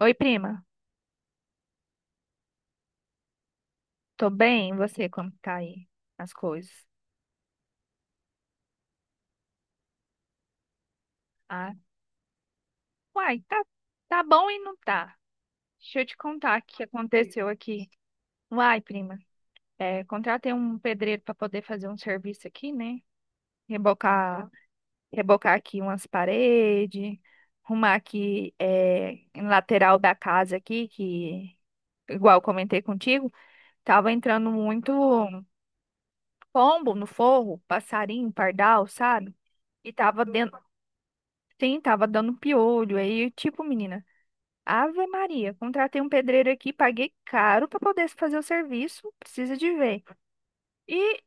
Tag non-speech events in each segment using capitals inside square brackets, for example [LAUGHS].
Oi, prima. Tô bem? E você, como que tá aí as coisas? Ah, uai, tá, tá bom e não tá. Deixa eu te contar o que aconteceu aqui. Uai, prima, contratei um pedreiro para poder fazer um serviço aqui, né? Rebocar, rebocar aqui umas paredes, arrumar aqui em lateral da casa aqui, que igual eu comentei contigo, tava entrando muito pombo no forro, passarinho, pardal, sabe? E tava dentro. Sim, tava dando piolho. Aí, tipo, menina, Ave Maria, contratei um pedreiro aqui, paguei caro pra poder fazer o serviço, precisa de ver. E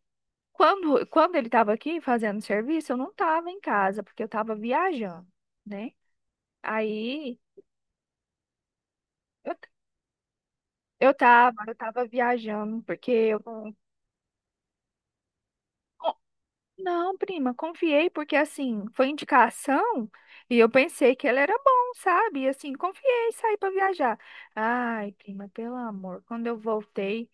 quando ele tava aqui fazendo o serviço, eu não tava em casa, porque eu tava viajando, né? Aí, eu, eu tava viajando, porque eu não. Não, prima, confiei porque assim, foi indicação e eu pensei que ela era bom, sabe? E assim, confiei, saí para viajar. Ai, prima, pelo amor, quando eu voltei,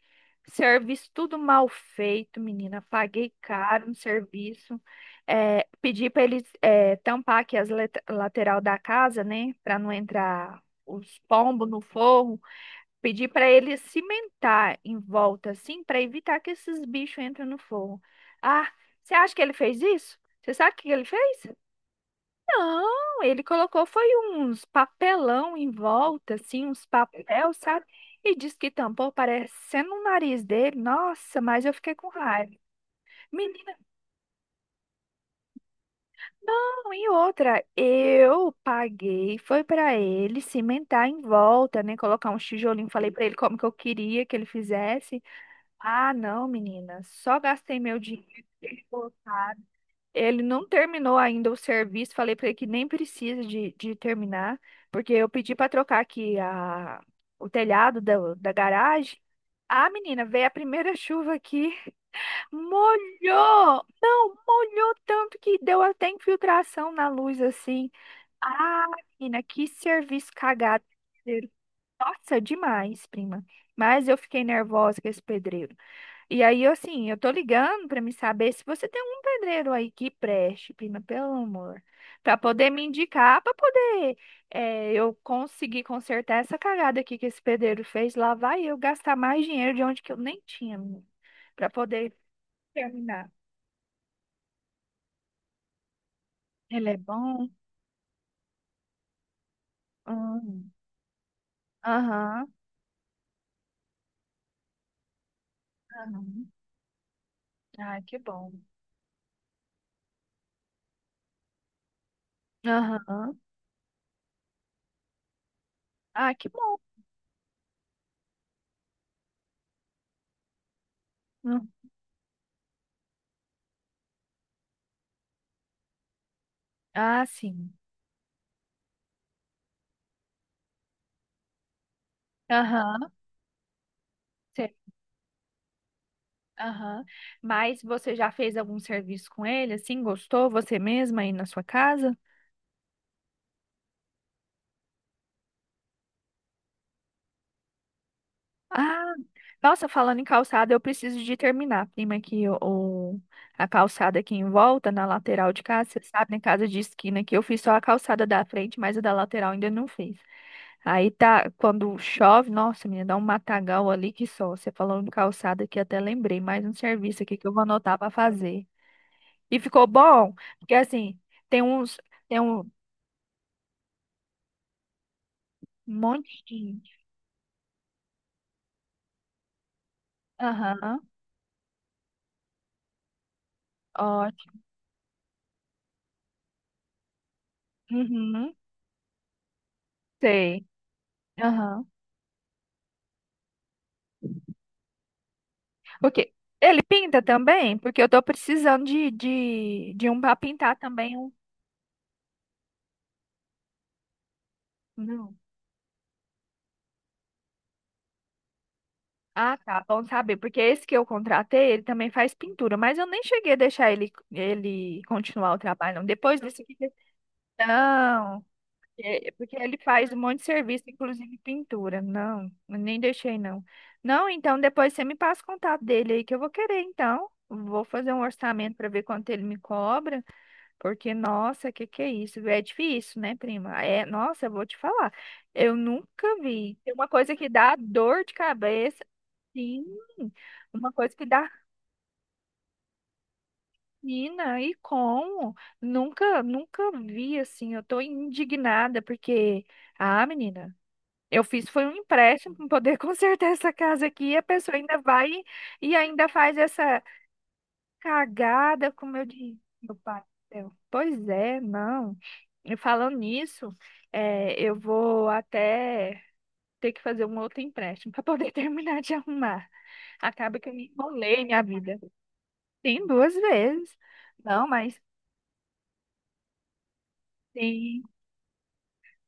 serviço tudo mal feito, menina, paguei caro no serviço. É, pedi para eles tampar aqui as lateral da casa, né, para não entrar os pombos no forro. Pedir para ele cimentar em volta, assim, para evitar que esses bichos entrem no forno. Ah, você acha que ele fez isso? Você sabe o que ele fez? Não, ele colocou foi uns papelão em volta, assim, uns papel, sabe? E disse que tampou parecendo o nariz dele. Nossa, mas eu fiquei com raiva. Menina, não, e outra, eu paguei, foi para ele cimentar em volta, né? Colocar um tijolinho, falei para ele como que eu queria que ele fizesse. Ah, não, menina. Só gastei meu dinheiro. Botado. Ele não terminou ainda o serviço. Falei pra ele que nem precisa de terminar, porque eu pedi pra trocar aqui o telhado da garagem. Ah, menina, veio a primeira [LAUGHS] chuva aqui, molhou! Não, molhou tanto que deu até infiltração na luz assim. Ah, menina, que serviço cagado. Pedreiro. Nossa, demais, prima. Mas eu fiquei nervosa com esse pedreiro. E aí, assim, eu tô ligando pra me saber se você tem um pedreiro aí que preste, prima, pelo amor, pra poder me indicar, pra poder eu conseguir consertar essa cagada aqui que esse pedreiro fez. Lá vai eu gastar mais dinheiro de onde que eu nem tinha, menina, pra poder terminar. Ele é bom? Hum. Aham. Uhum. Ah, que bom. Aham. Ah, que bom. Hum. Ah, sim. Aham. Aham. Mas você já fez algum serviço com ele, assim? Gostou você mesma aí na sua casa? Ah, nossa, falando em calçada, eu preciso de terminar, prima, que o- a calçada aqui em volta, na lateral de casa, você sabe, na casa de esquina aqui, eu fiz só a calçada da frente, mas a da lateral ainda não fiz. Aí tá, quando chove, nossa, menina, dá um matagal ali que só. Você falando de calçada aqui, até lembrei, mais um serviço aqui que eu vou anotar pra fazer. E ficou bom, porque assim, tem uns. Tem um, um monte de gente. Aham, ótimo. Uhum, sei. Aham. Ok. Ele pinta também? Porque eu tô precisando de um pra pintar também. Um... Não. Ah, tá. Bom saber. Porque esse que eu contratei, ele também faz pintura. Mas eu nem cheguei a deixar ele continuar o trabalho, não. Depois desse aqui. Não. É, porque ele faz um monte de serviço, inclusive pintura. Não, eu nem deixei não. Não, então depois você me passa o contato dele aí que eu vou querer, então. Vou fazer um orçamento para ver quanto ele me cobra, porque nossa, que é isso? É difícil, né, prima? É, nossa, eu vou te falar. Eu nunca vi. Tem uma coisa que dá dor de cabeça, sim. Uma coisa que dá mina e como? Nunca vi assim. Eu tô indignada porque ah, menina, eu fiz foi um empréstimo para poder [LAUGHS] consertar essa casa aqui. E a pessoa ainda vai e ainda faz essa cagada com o meu dinheiro. Meu pai do céu. Pois é, não. E falando nisso, é, eu vou até ter que fazer um outro empréstimo para poder [LAUGHS] terminar de arrumar. Acaba que eu me enrolei minha vida. Tem duas vezes. Não, mas sim,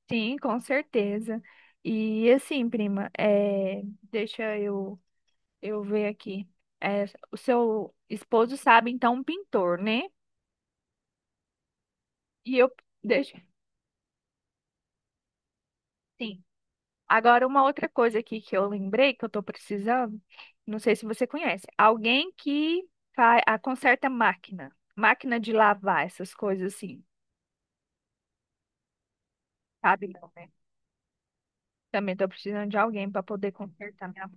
sim, com certeza. E assim, prima, deixa eu ver aqui. É, o seu esposo sabe, então, um pintor, né? E eu deixa. Sim. Agora, uma outra coisa aqui que eu lembrei que eu tô precisando, não sei se você conhece alguém que faz, conserta máquina, máquina de lavar, essas coisas assim, sabe? Não, né? Também tô precisando de alguém para poder consertar minha.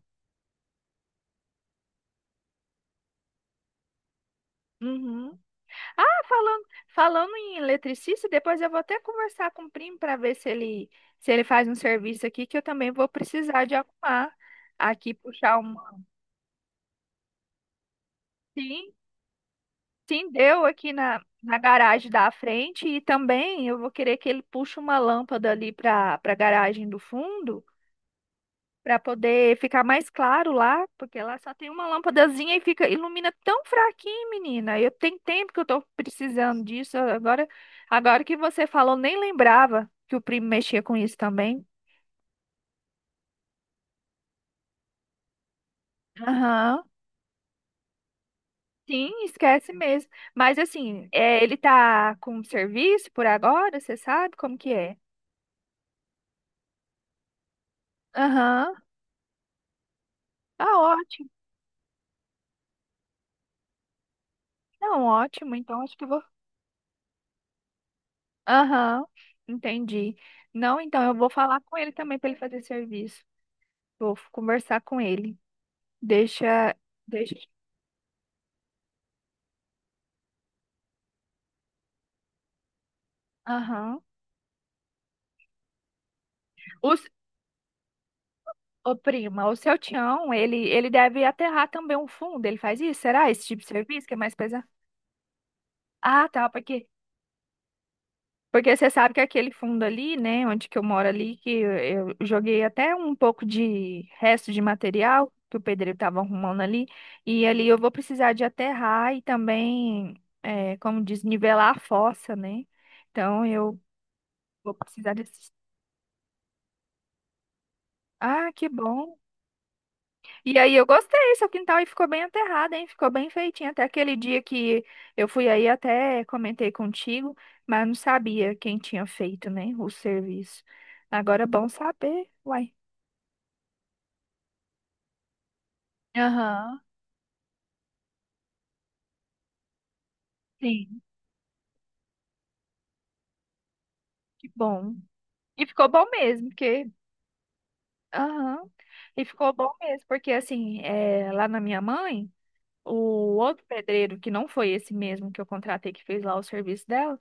Uhum. Falando, falando em eletricista, depois eu vou até conversar com o primo para ver se ele, se ele faz um serviço aqui, que eu também vou precisar de arrumar aqui, puxar um. Sim, sim, deu aqui na garagem da frente e também eu vou querer que ele puxe uma lâmpada ali para a garagem do fundo, para poder ficar mais claro lá, porque lá só tem uma lâmpadazinha e fica ilumina tão fraquinho, menina. Eu tenho tempo que eu tô precisando disso. Agora, agora que você falou, nem lembrava que o primo mexia com isso também. Aham. Sim, esquece mesmo. Mas assim, é, ele tá com serviço por agora, você sabe como que é? Aham. Ah, ótimo. Não, ótimo. Então acho que eu vou. Aham. Entendi. Não, então eu vou falar com ele também para ele fazer serviço. Vou conversar com ele. Deixa, deixa. Aham. O, ô, prima, o seu Tião, ele deve aterrar também um fundo. Ele faz isso? Será esse tipo de serviço que é mais pesado? Ah, tá, porque porque você sabe que aquele fundo ali, né, onde que eu moro ali, que eu joguei até um pouco de resto de material que o pedreiro estava arrumando ali, e ali eu vou precisar de aterrar e também, é, como diz, nivelar a fossa, né? Então eu vou precisar desses. Ah, que bom. E aí eu gostei, seu quintal aí ficou bem aterrado, hein? Ficou bem feitinho. Até aquele dia que eu fui aí, até comentei contigo, mas não sabia quem tinha feito, né, o serviço. Agora é bom saber, uai. Aham, sim, que bom. E ficou bom mesmo, porque... Aham, e ficou bom mesmo, porque assim, é, lá na minha mãe, o outro pedreiro, que não foi esse mesmo que eu contratei, que fez lá o serviço dela,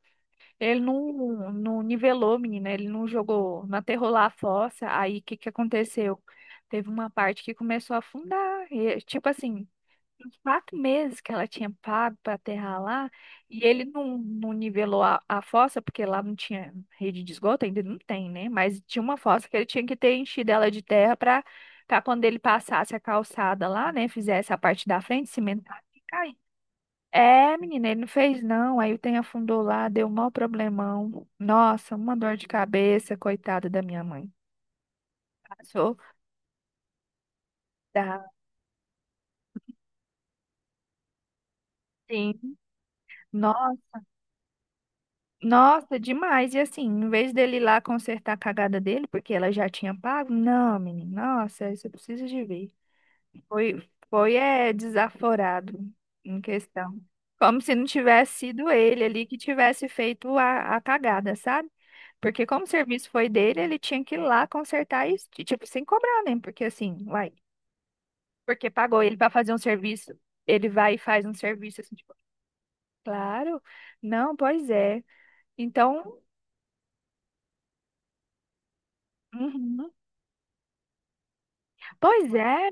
ele não, não nivelou, menina. Ele não jogou, não aterrou lá a fossa. Aí o que que aconteceu? Teve uma parte que começou a afundar. E, tipo assim, uns quatro meses que ela tinha pago para aterrar lá. E ele não, não nivelou a fossa, porque lá não tinha rede de esgoto, ainda não tem, né? Mas tinha uma fossa que ele tinha que ter enchido ela de terra para quando ele passasse a calçada lá, né? Fizesse a parte da frente, cimentar. É, menina, ele não fez não. Aí o trem afundou lá, deu um maior problemão. Nossa, uma dor de cabeça, coitada da minha mãe. Passou. Tá. Sim. Nossa, nossa, demais. E assim, em vez dele ir lá consertar a cagada dele, porque ela já tinha pago, não, menina, nossa, isso eu preciso de ver. Foi é, desaforado em questão. Como se não tivesse sido ele ali que tivesse feito a cagada, sabe? Porque como o serviço foi dele, ele tinha que ir lá consertar isso, e, tipo, sem cobrar, né? Porque assim, uai, porque pagou ele para fazer um serviço, ele vai e faz um serviço assim, tipo, claro, não, pois é. Então, uhum, pois é.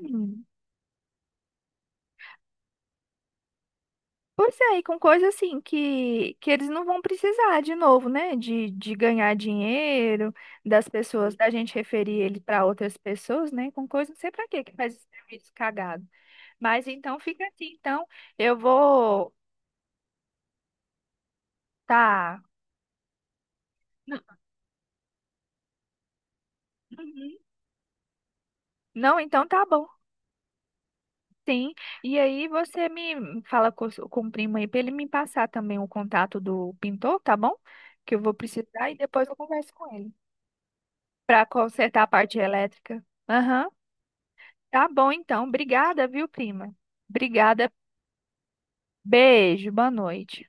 Pois é, e com coisa assim que eles não vão precisar de novo, né? De ganhar dinheiro, das pessoas, da gente referir ele para outras pessoas, né? Com coisa, não sei para quê que faz esse serviço cagado. Mas então fica assim, então eu vou. Tá. Não, uhum. Não, então tá bom. Sim. E aí você me fala com, com o primo aí para ele me passar também o contato do pintor, tá bom? Que eu vou precisar e depois eu converso com ele para consertar a parte elétrica. Aham. Tá bom, então. Obrigada, viu, prima? Obrigada. Beijo, boa noite.